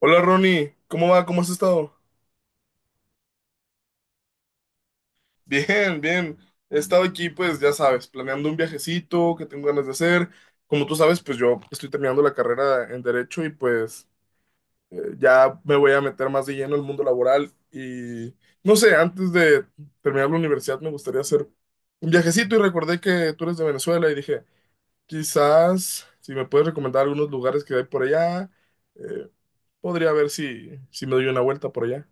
Hola Ronnie, ¿cómo va? ¿Cómo has estado? Bien, bien. He estado aquí, pues ya sabes, planeando un viajecito que tengo ganas de hacer. Como tú sabes, pues yo estoy terminando la carrera en Derecho y pues ya me voy a meter más de lleno al mundo laboral. Y no sé, antes de terminar la universidad me gustaría hacer un viajecito y recordé que tú eres de Venezuela y dije, quizás si me puedes recomendar algunos lugares que hay por allá, eh, podría ver si me doy una vuelta por allá.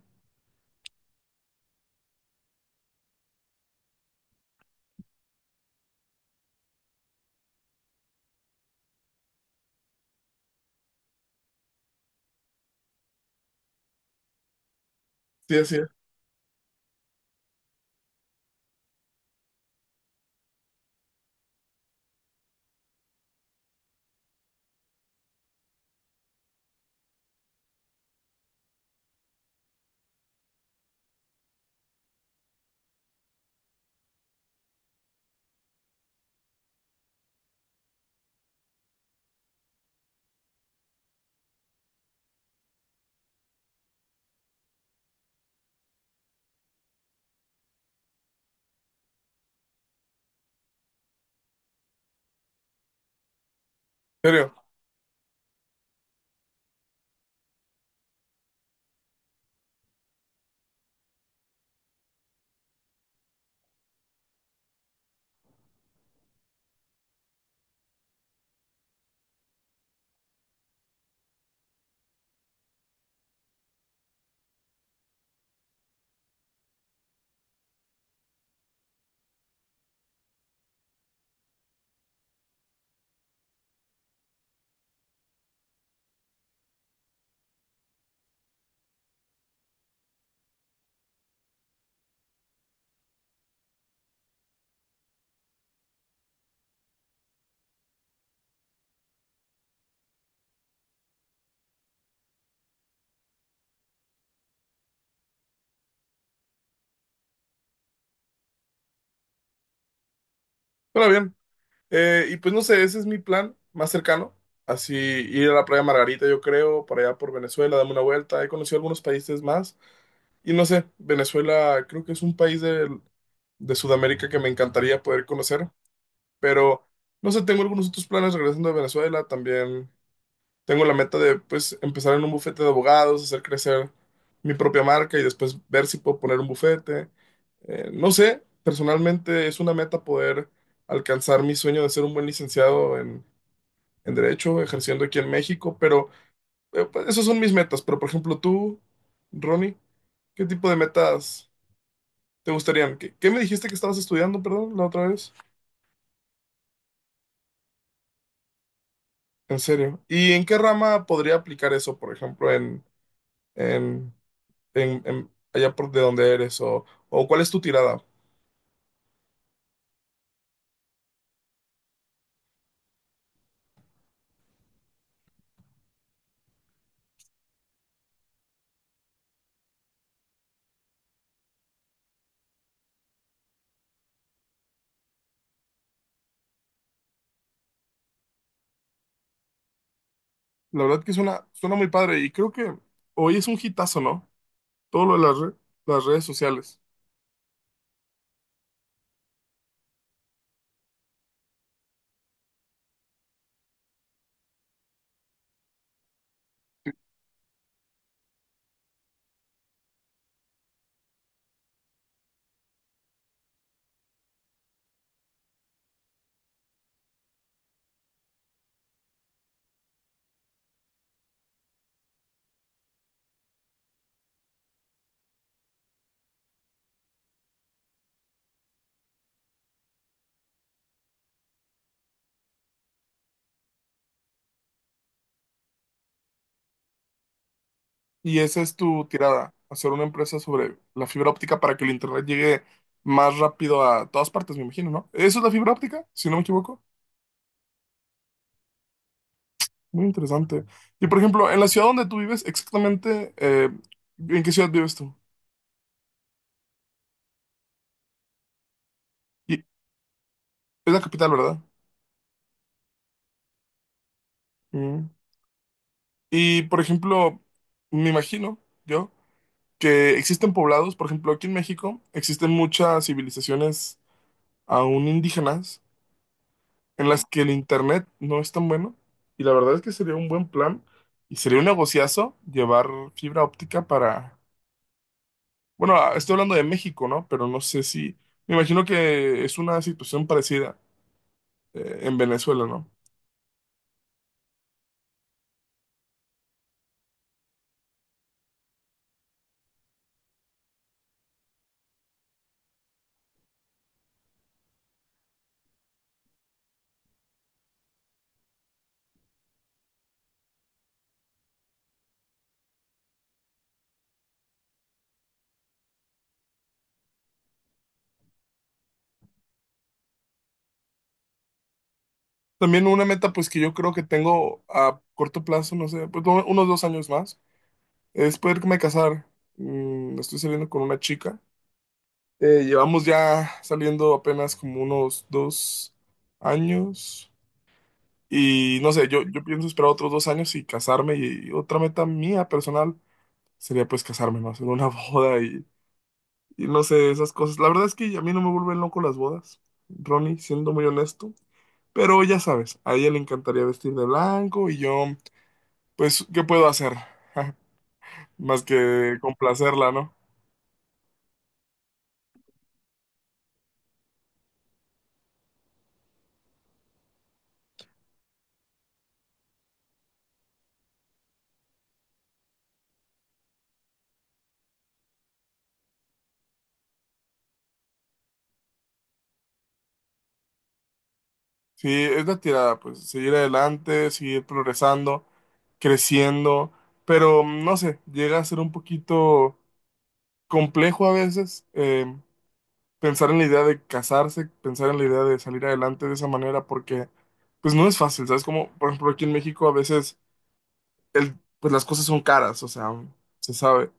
Sí, así es. ¿En serio? Pero bien. Y pues no sé, ese es mi plan más cercano. Así ir a la playa Margarita, yo creo, para allá por Venezuela, darme una vuelta. He conocido algunos países más. Y no sé, Venezuela creo que es un país de Sudamérica que me encantaría poder conocer. Pero no sé, tengo algunos otros planes regresando a Venezuela. También tengo la meta de pues empezar en un bufete de abogados, hacer crecer mi propia marca y después ver si puedo poner un bufete. No sé, personalmente es una meta poder alcanzar mi sueño de ser un buen licenciado en derecho, ejerciendo aquí en México, pero pues, esas son mis metas. Pero, por ejemplo, tú, Ronnie, ¿qué tipo de metas te gustarían? ¿Qué, qué me dijiste que estabas estudiando, perdón, la otra vez? En serio. ¿Y en qué rama podría aplicar eso, por ejemplo, en, allá por de donde eres? ¿O, o cuál es tu tirada? La verdad que suena, suena muy padre y creo que hoy es un hitazo, ¿no? Todo lo de las, las redes sociales. ¿Y esa es tu tirada, hacer una empresa sobre la fibra óptica para que el internet llegue más rápido a todas partes, me imagino, ¿no? ¿Eso es la fibra óptica, si no me equivoco? Muy interesante. Y por ejemplo, en la ciudad donde tú vives, exactamente, ¿en qué ciudad vives tú? Y es la capital, ¿verdad? Mm. Y por ejemplo, me imagino yo que existen poblados, por ejemplo, aquí en México existen muchas civilizaciones aún indígenas en las que el internet no es tan bueno. Y la verdad es que sería un buen plan y sería un negociazo llevar fibra óptica para, bueno, ah, estoy hablando de México, ¿no? Pero no sé si, me imagino que es una situación parecida en Venezuela, ¿no? También una meta pues que yo creo que tengo a corto plazo, no sé, pues no, unos dos años más, es poderme casar. Mm, estoy saliendo con una chica. Llevamos ya saliendo apenas como unos dos años. Y no sé, yo pienso esperar otros dos años y casarme. Y, otra meta mía personal sería pues casarme, ¿no? Hacer una boda y no sé, esas cosas. La verdad es que a mí no me vuelven loco las bodas, Ronnie, siendo muy honesto. Pero ya sabes, a ella le encantaría vestir de blanco y yo, pues, ¿qué puedo hacer? Más que complacerla, ¿no? Sí, es la tirada, pues, seguir adelante, seguir progresando creciendo, pero no sé, llega a ser un poquito complejo a veces. Pensar en la idea de casarse, pensar en la idea de salir adelante de esa manera, porque pues no es fácil, ¿sabes? Como, por ejemplo, aquí en México a veces el, pues las cosas son caras, o sea, se sabe.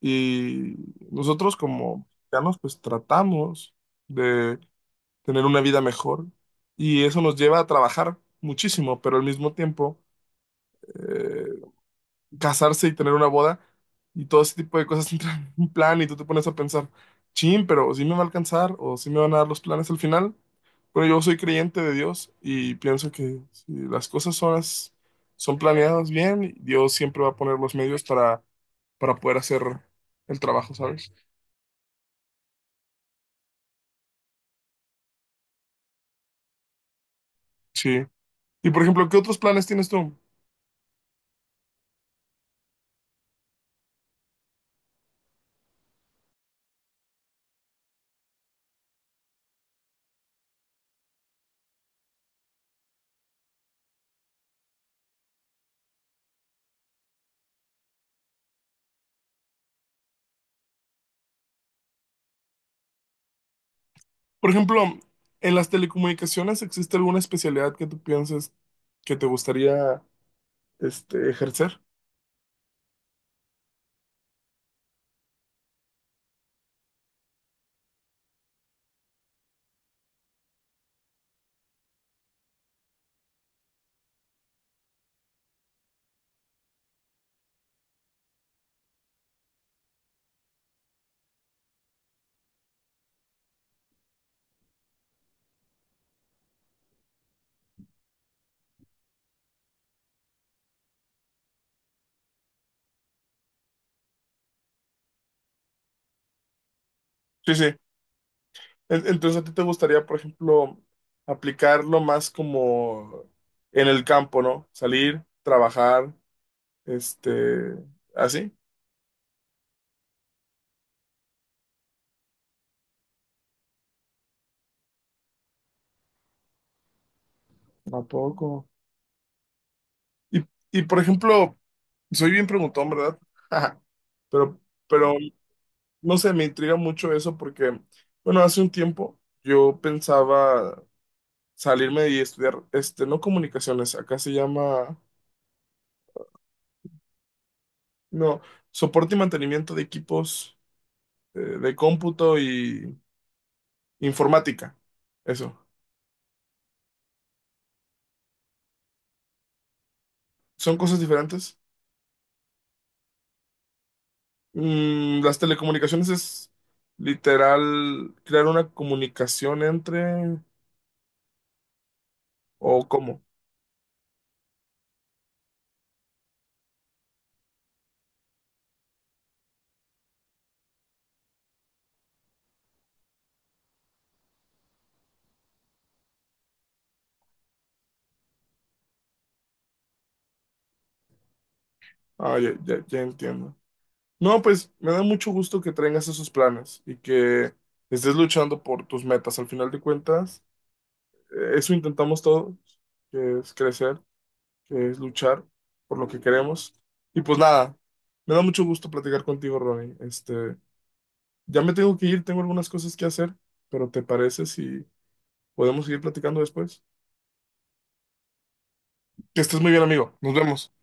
Y nosotros como mexicanos pues tratamos de tener una vida mejor y eso nos lleva a trabajar muchísimo, pero al mismo tiempo eh, casarse y tener una boda y todo ese tipo de cosas entran en un plan y tú te pones a pensar, chin, pero si me va a alcanzar o si me van a dar los planes al final. Bueno, yo soy creyente de Dios y pienso que si las cosas son, son planeadas bien, Dios siempre va a poner los medios para poder hacer el trabajo, ¿sabes? Sí. Y por ejemplo, ¿qué otros planes tienes tú? Por ejemplo, en las telecomunicaciones, ¿existe alguna especialidad que tú pienses que te gustaría este, ejercer? Sí, sí. Entonces, ¿a ti te gustaría, por ejemplo, aplicarlo más como en el campo, ¿no? Salir, trabajar. Este, así. ¿A poco? Y, y por ejemplo, soy bien preguntón, ¿verdad? Pero, pero, no sé, me intriga mucho eso porque, bueno, hace un tiempo yo pensaba salirme y estudiar, este, no comunicaciones, acá se llama, no, soporte y mantenimiento de equipos de cómputo y informática. Eso. ¿Son cosas diferentes? Mm, las telecomunicaciones es literal crear una comunicación entre o cómo. Ah, ya, ya, ya entiendo. No, pues me da mucho gusto que traigas esos planes y que estés luchando por tus metas. Al final de cuentas, eso intentamos todos, que es crecer, que es luchar por lo que queremos. Y pues nada, me da mucho gusto platicar contigo, Ronnie. Este, ya me tengo que ir, tengo algunas cosas que hacer, pero ¿te parece si podemos seguir platicando después? Que estés muy bien, amigo. Nos vemos.